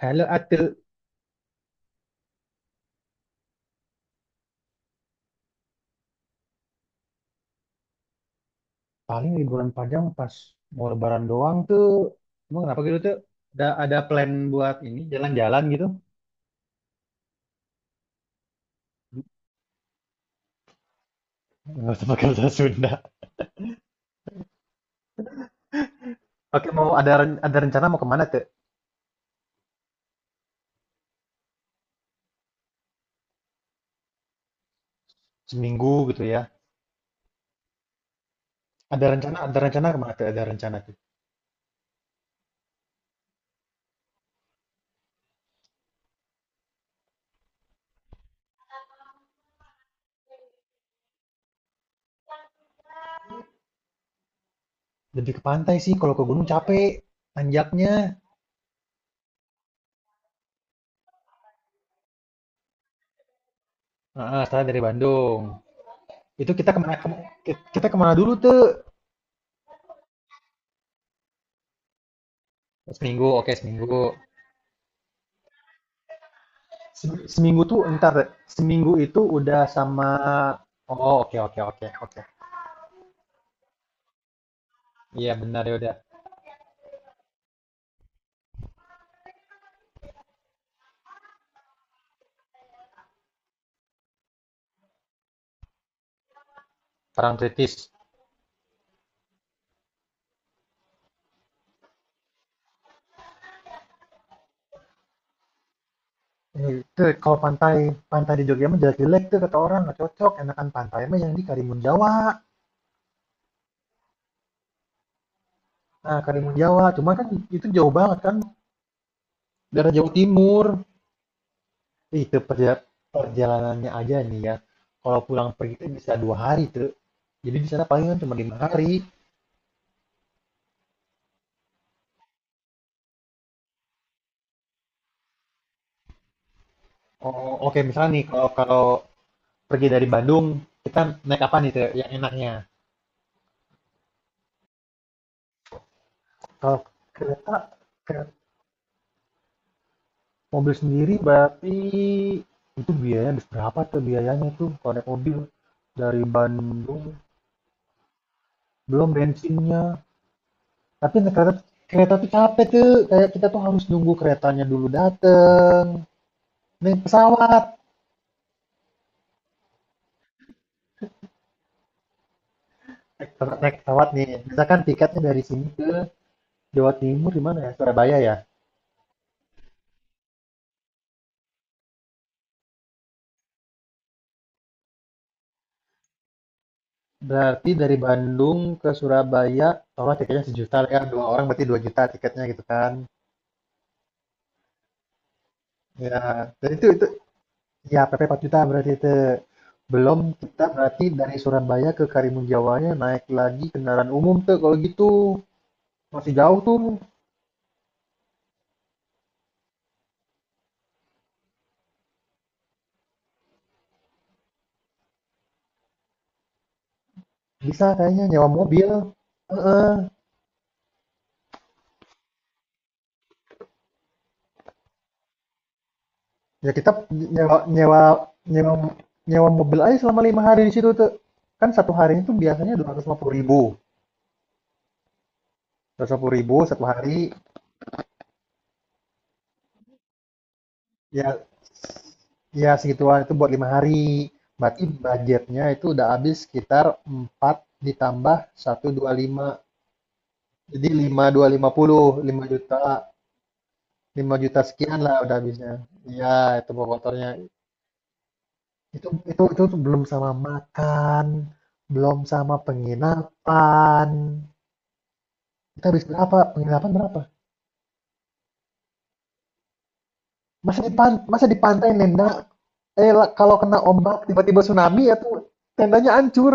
Hello Atul, paling liburan panjang pas mau lebaran doang tuh. Emang kenapa gitu tuh? Ada plan buat ini jalan-jalan gitu? Nggak usah pakai bahasa Sunda. Oke, mau ada rencana mau kemana tuh? Seminggu gitu ya. Ada rencana kemana tuh? Ada rencana tuh. Lebih ke pantai sih. Kalau ke gunung capek nanjaknya. Heeh, setelah dari Bandung. Itu kita kemana dulu tuh? Seminggu, oke seminggu. Seminggu tuh entar. Seminggu itu udah sama. Oh oke oke oke oke. Iya benar ya udah. Perang kritis. Itu kalau pantai pantai di Jogja mah jelek-jelek tuh kata orang nggak cocok. Enakan pantai mah yang di Karimun Jawa. Nah Karimun Jawa, cuma kan itu jauh banget kan. Daerah Jawa Timur. Itu perjalanannya aja nih ya. Kalau pulang pergi itu bisa 2 hari tuh. Jadi di sana palingan cuma 5 hari. Oh oke misalnya nih kalau kalau pergi dari Bandung, kita naik apa nih Teh, yang enaknya? Kalau kereta, kereta mobil sendiri berarti itu biayanya berapa tuh, biayanya tuh kalau naik mobil dari Bandung, belum bensinnya. Tapi naik kereta, kereta tuh capek tuh kayak kita tuh harus nunggu keretanya dulu dateng. Naik pesawat naik pesawat nih misalkan tiketnya dari sini ke Jawa Timur di mana ya, Surabaya ya. Berarti dari Bandung ke Surabaya, taruhlah tiketnya 1 juta, 1.000.000 lah ya, 2 orang berarti 2 juta tiketnya gitu kan. Ya, dan itu ya PP rp juta berarti itu. Belum kita berarti dari Surabaya ke Karimun Jawanya naik lagi kendaraan umum tuh kalau gitu. Masih jauh tuh. Bisa kayaknya nyewa mobil. Heeh. Ya kita nyewa nyewa nyewa nyewa mobil aja selama 5 hari di situ tuh. Kan 1 harinya tuh biasanya 250 ribu. Dua ratus lima puluh ribu 1 hari. Ya, ya segituan itu buat 5 hari. Berarti budgetnya itu udah habis sekitar 4 ditambah 125. Jadi lima lima dua lima puluh 5 juta, lima juta sekian lah udah habisnya. Iya, itu bawa kotornya. Itu tuh belum sama makan, belum sama penginapan. Kita habis berapa? Penginapan berapa? Masa masa di pantai nenda? Lah, kalau kena ombak tiba-tiba tsunami ya tuh tendanya hancur.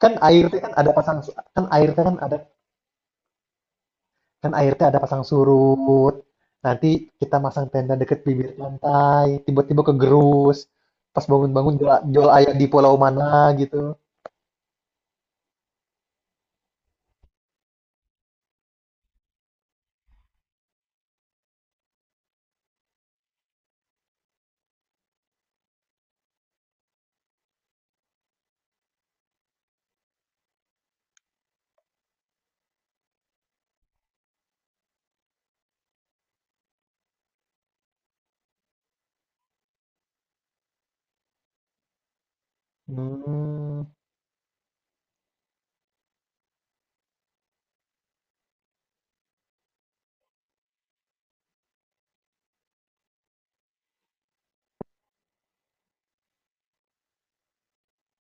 Kan air teh kan ada pasang su- kan air teh kan ada Kan air teh ada pasang surut. Nanti kita masang tenda deket bibir pantai, tiba-tiba kegerus. Pas bangun-bangun jual ayam di pulau mana gitu. Hmm,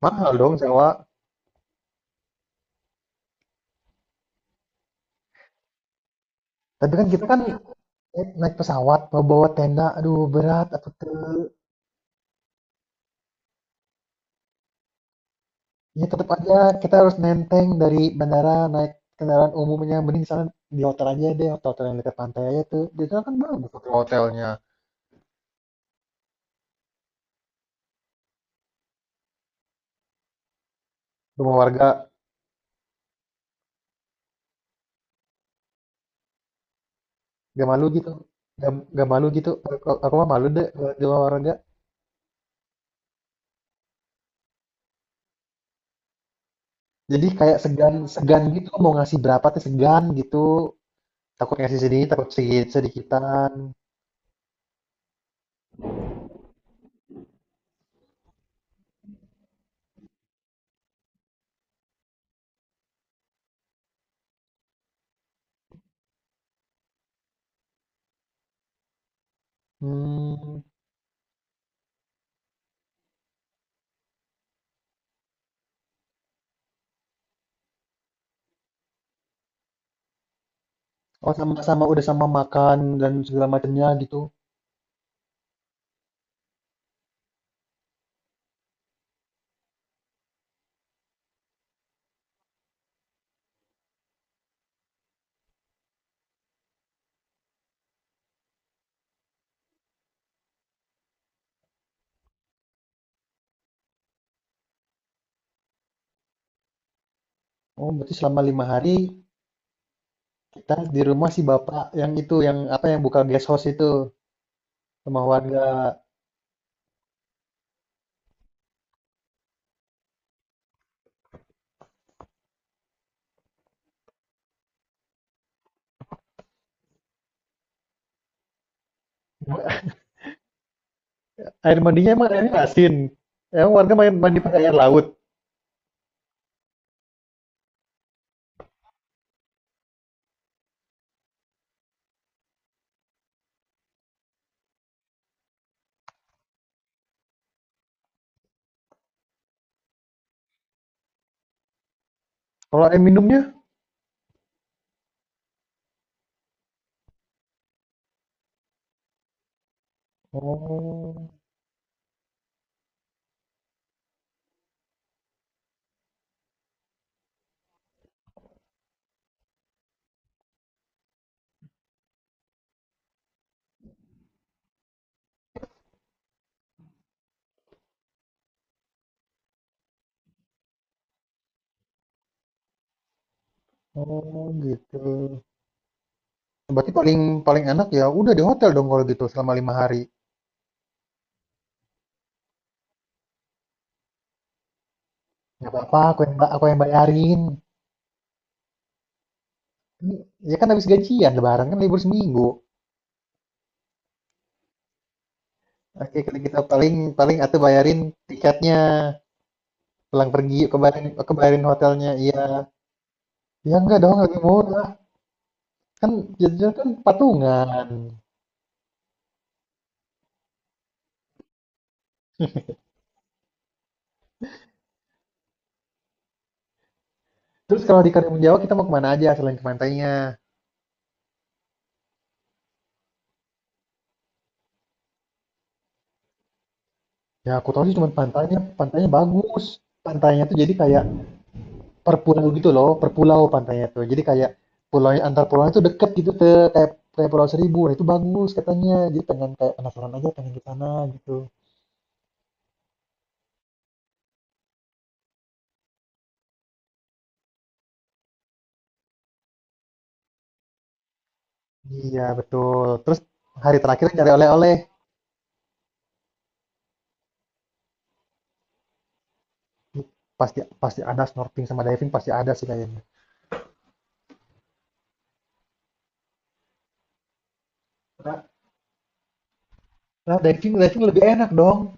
mahal dong sewa. Tapi kan kita kan naik naik pesawat mau bawa tenda, aduh berat atau tuh. Ya tetap aja kita harus nenteng dari bandara naik kendaraan umumnya. Mending sana di hotel aja deh, hotel, -hotel yang dekat pantai aja tuh. Di sana kan bagus hotel hotelnya rumah warga. Gak malu gitu. Gak, gak malu gitu. Aku mah malu deh kalau di luar olahraga. Jadi kayak segan segan gitu mau ngasih berapa tuh segan gitu. Takut ngasih sedikit, takut sedikit sedikitan. Hmm. Oh sama-sama udah sama makan dan segala macamnya gitu. Oh berarti selama lima hari kita di rumah si bapak yang itu yang apa yang buka guest house itu sama warga. Air mandinya emang airnya asin. Emang warga main mandi pakai air laut. Kalau air minumnya? Oh, oh gitu. Berarti paling paling enak ya udah di hotel dong kalau gitu selama 5 hari. Nggak apa-apa, aku yang bayarin. Ya kan habis gajian, lebaran kan libur seminggu. Oke, kalau kita paling paling atau bayarin tiketnya pulang pergi kebayarin kebayarin hotelnya. Iya, ya enggak dong, lebih murah. Kan jadinya kan patungan. Terus kalau di Karimun Jawa kita mau kemana aja selain ke pantainya? Ya aku tahu sih cuma pantainya. Pantainya bagus. Pantainya tuh jadi kayak per pulau gitu loh, per pulau pantainya tuh. Jadi kayak pulau antar pulau itu deket gitu tuh, kayak kayak Pulau Seribu. Nah, itu bagus katanya. Jadi pengen kayak penasaran aja pengen ke sana gitu. Iya, betul. Terus hari terakhir cari oleh-oleh. Pasti pasti ada snorkeling sama diving pasti ada sih kayaknya. Nah, nah, diving diving lebih enak dong.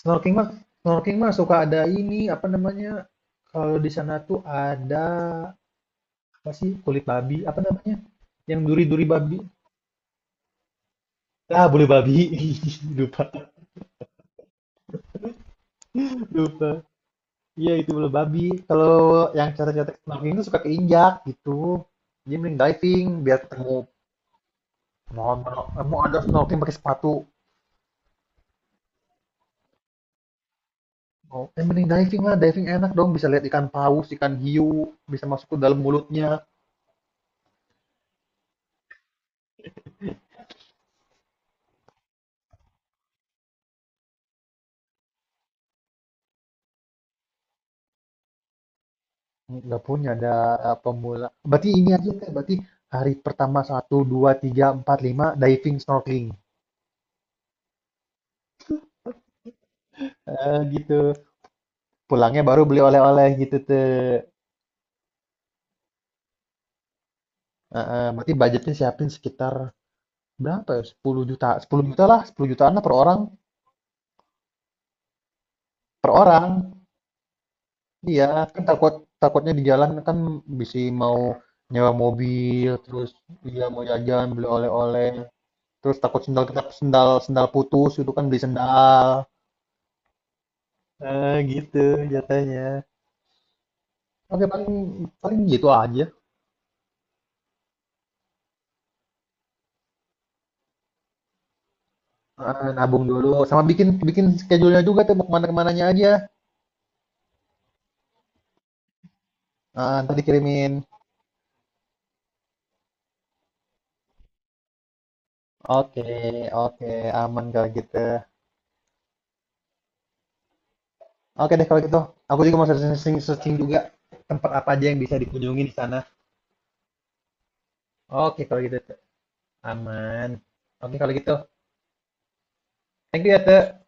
Snorkeling mah snorkeling mah suka ada ini apa namanya? Kalau di sana tuh ada apa sih kulit babi apa namanya? Yang duri-duri babi. Ah, boleh babi. Lupa. Lupa. Iya itu bulu babi. Kalau yang cetek-cetek snorkeling itu suka keinjak gitu. Jadi mending diving biar ketemu mau mau- mau ada snorkeling pakai sepatu. Oh, mending diving lah, diving enak dong bisa lihat ikan paus, ikan hiu, bisa masuk ke dalam mulutnya. Nggak punya ada pemula. Berarti ini aja Teh. Berarti hari pertama satu 2 3 4 5 diving snorkeling. Gitu. Pulangnya baru beli oleh-oleh gitu tuh. Berarti budgetnya siapin sekitar berapa ya? 10 juta, 10 juta lah, 10 jutaan lah per orang, per orang. Iya, kan takut takutnya di jalan kan bisa mau nyewa mobil, terus dia mau jajan, beli oleh-oleh, terus takut sendal kita sendal sendal putus itu kan beli sendal. Gitu jatuhnya. Oke, paling paling gitu aja. Nabung dulu sama bikin bikin schedule-nya juga tuh mau kemana-kemananya aja. Ntar dikirimin. Oke, oke, aman kalau gitu. Oke deh kalau gitu. Aku juga mau searching-searching juga tempat apa aja yang bisa dikunjungi di sana. Oke kalau gitu, Teh. Aman. Oke kalau gitu. Thank you ya, Teh.